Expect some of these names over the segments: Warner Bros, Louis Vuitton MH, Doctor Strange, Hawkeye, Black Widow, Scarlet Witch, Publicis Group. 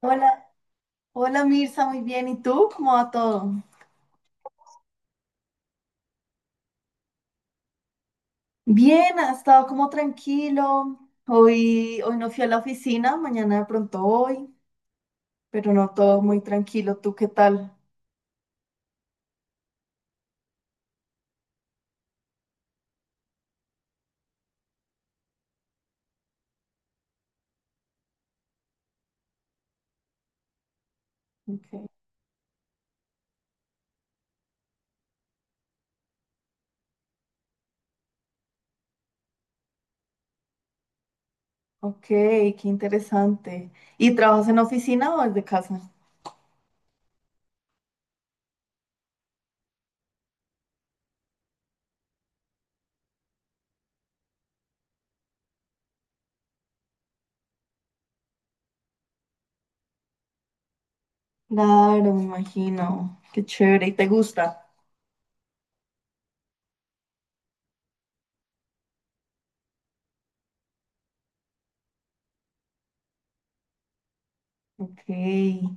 Hola, hola Mirza, muy bien. ¿Y tú? ¿Cómo va todo? Bien, ha estado como tranquilo. Hoy no fui a la oficina, mañana de pronto voy, pero no todo muy tranquilo. ¿Tú qué tal? Ok, ok, qué interesante. ¿Y trabajas en oficina o desde casa? Claro, me imagino. Qué chévere. ¿Y te gusta? Ok.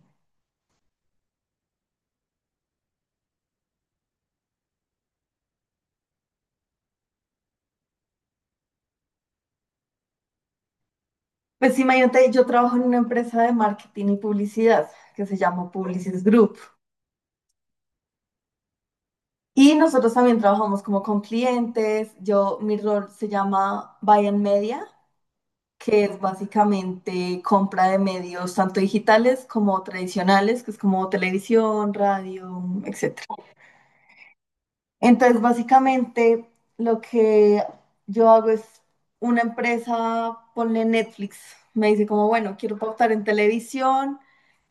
Pues imagínate, yo trabajo en una empresa de marketing y publicidad que se llama Publicis Group. Y nosotros también trabajamos como con clientes. Yo, mi rol se llama Buy and Media, que es básicamente compra de medios tanto digitales como tradicionales, que es como televisión, radio, etcétera. Entonces, básicamente lo que yo hago es una empresa, ponle Netflix, me dice como, bueno, quiero pautar en televisión,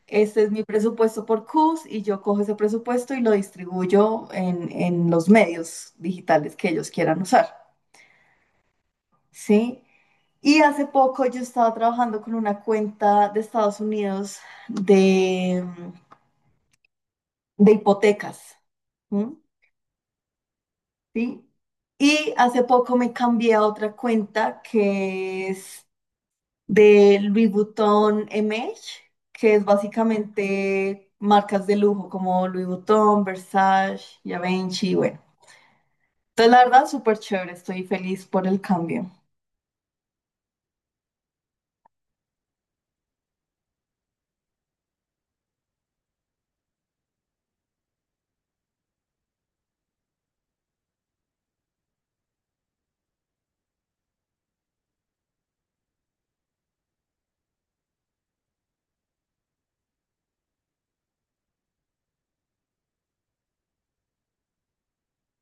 este es mi presupuesto por CUS, y yo cojo ese presupuesto y lo distribuyo en los medios digitales que ellos quieran usar, ¿sí? Y hace poco yo estaba trabajando con una cuenta de Estados Unidos de, de hipotecas, ¿m? ¿Sí? Y hace poco me cambié a otra cuenta que es de Louis Vuitton MH, que es básicamente marcas de lujo como Louis Vuitton, Versace, Givenchy, bueno. Entonces, la verdad, súper chévere, estoy feliz por el cambio.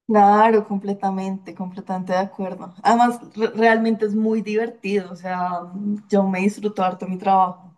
Claro, completamente de acuerdo. Además, realmente es muy divertido, o sea, yo me disfruto harto mi trabajo.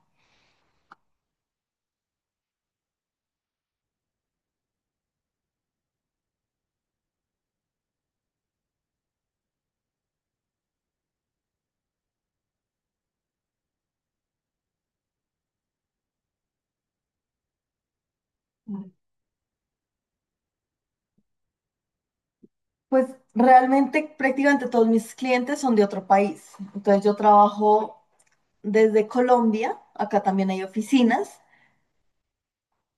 Pues realmente prácticamente todos mis clientes son de otro país. Entonces yo trabajo desde Colombia, acá también hay oficinas,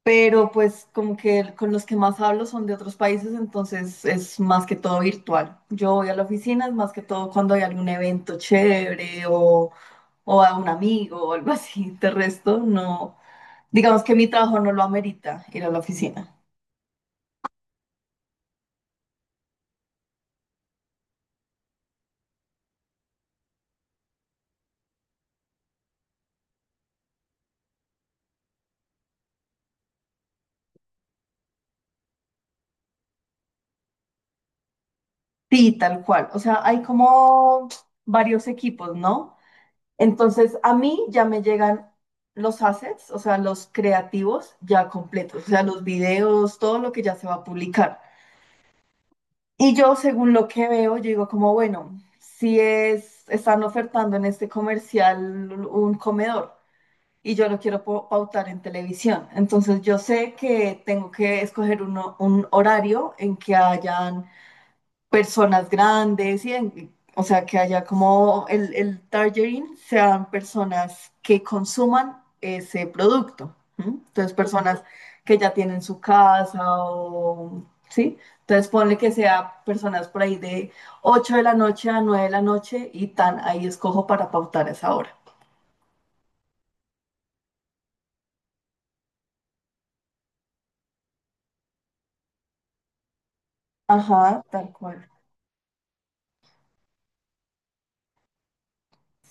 pero pues como que con los que más hablo son de otros países, entonces es más que todo virtual. Yo voy a la oficina, es más que todo cuando hay algún evento chévere o a un amigo o algo así. De resto, no, digamos que mi trabajo no lo amerita ir a la oficina. Sí, tal cual. O sea, hay como varios equipos, ¿no? Entonces a mí ya me llegan los assets, o sea, los creativos ya completos, o sea, los videos, todo lo que ya se va a publicar. Y yo, según lo que veo, yo digo como, bueno, si es, están ofertando en este comercial un comedor y yo lo quiero pautar en televisión, entonces yo sé que tengo que escoger un horario en que hayan personas grandes o sea, que haya como el targeting sean personas que consuman ese producto. ¿M? Entonces, personas que ya tienen su casa o, ¿sí? Entonces, ponle que sea personas por ahí de 8 de la noche a 9 de la noche y tan ahí escojo para pautar esa hora. Ajá, tal cual.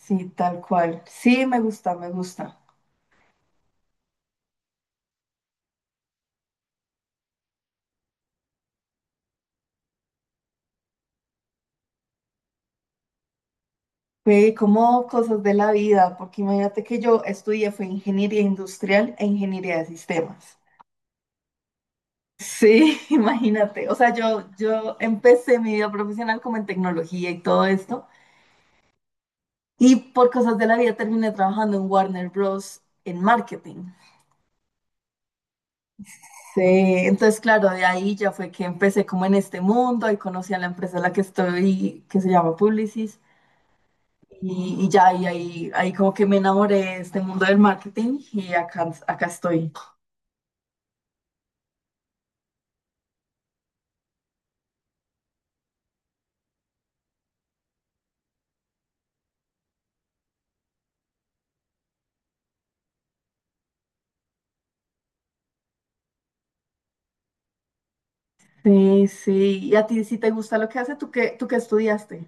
Sí, tal cual. Sí, me gusta. Fue como cosas de la vida, porque imagínate que yo estudié fue ingeniería industrial e ingeniería de sistemas. Sí, imagínate. O sea, yo empecé mi vida profesional como en tecnología y todo esto, y por cosas de la vida terminé trabajando en Warner Bros. En marketing. Sí, entonces claro, de ahí ya fue que empecé como en este mundo, ahí conocí a la empresa en la que estoy, que se llama Publicis, y ya ahí como que me enamoré de este mundo del marketing y acá, acá estoy. Sí, sí. ¿Y a ti si te gusta lo que hace? Tú qué estudiaste?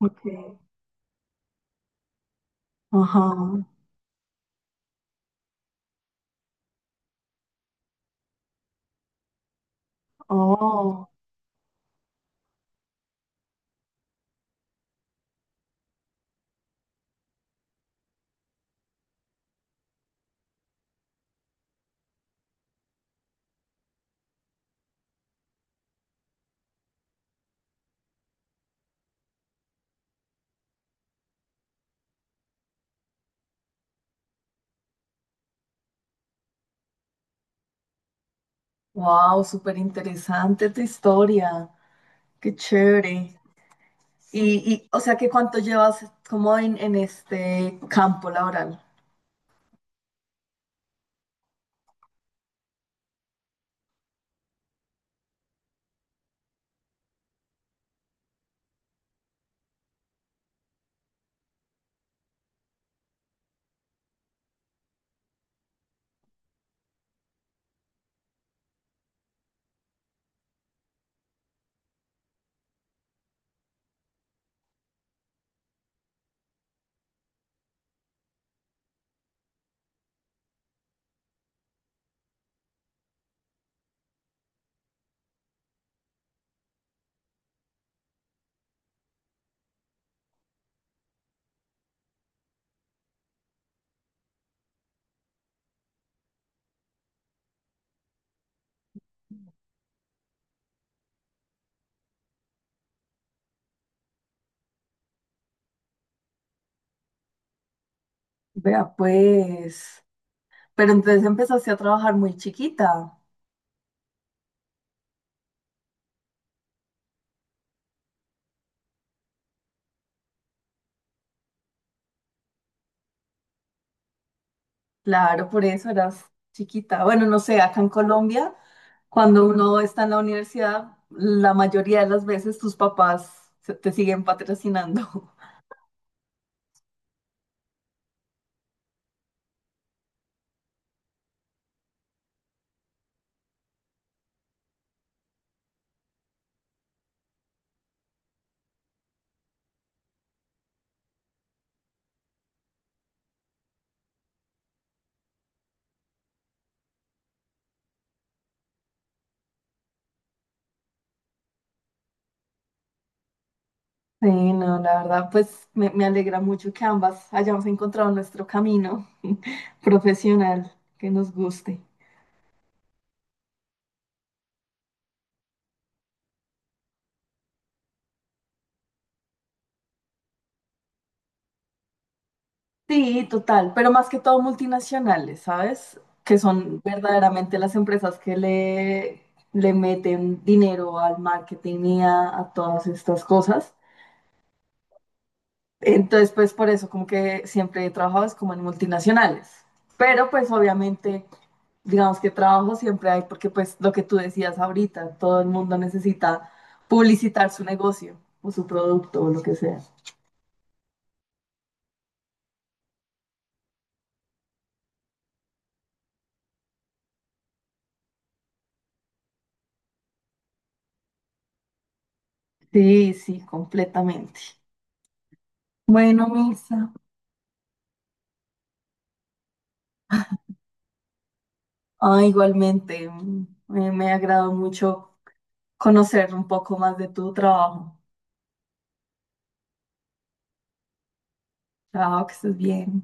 Ok. Ajá. Oh, wow, súper interesante tu historia. Qué chévere. Y, o sea, ¿que cuánto llevas como en este campo laboral? Vea, pues. Pero entonces empezaste a trabajar muy chiquita. Claro, por eso eras chiquita. Bueno, no sé, acá en Colombia, cuando uno está en la universidad, la mayoría de las veces tus papás te siguen patrocinando. Sí, no, la verdad, pues me alegra mucho que ambas hayamos encontrado nuestro camino profesional que nos guste. Sí, total, pero más que todo multinacionales, ¿sabes? Que son verdaderamente las empresas que le meten dinero al marketing y a todas estas cosas. Entonces, pues por eso como que siempre he trabajado es como en multinacionales. Pero pues obviamente, digamos que trabajo siempre hay porque pues lo que tú decías ahorita, todo el mundo necesita publicitar su negocio o su producto o lo que sea. Sí, sí, completamente. Bueno, Mirza, ah, igualmente, me agradó mucho conocer un poco más de tu trabajo. Chao, que estés bien.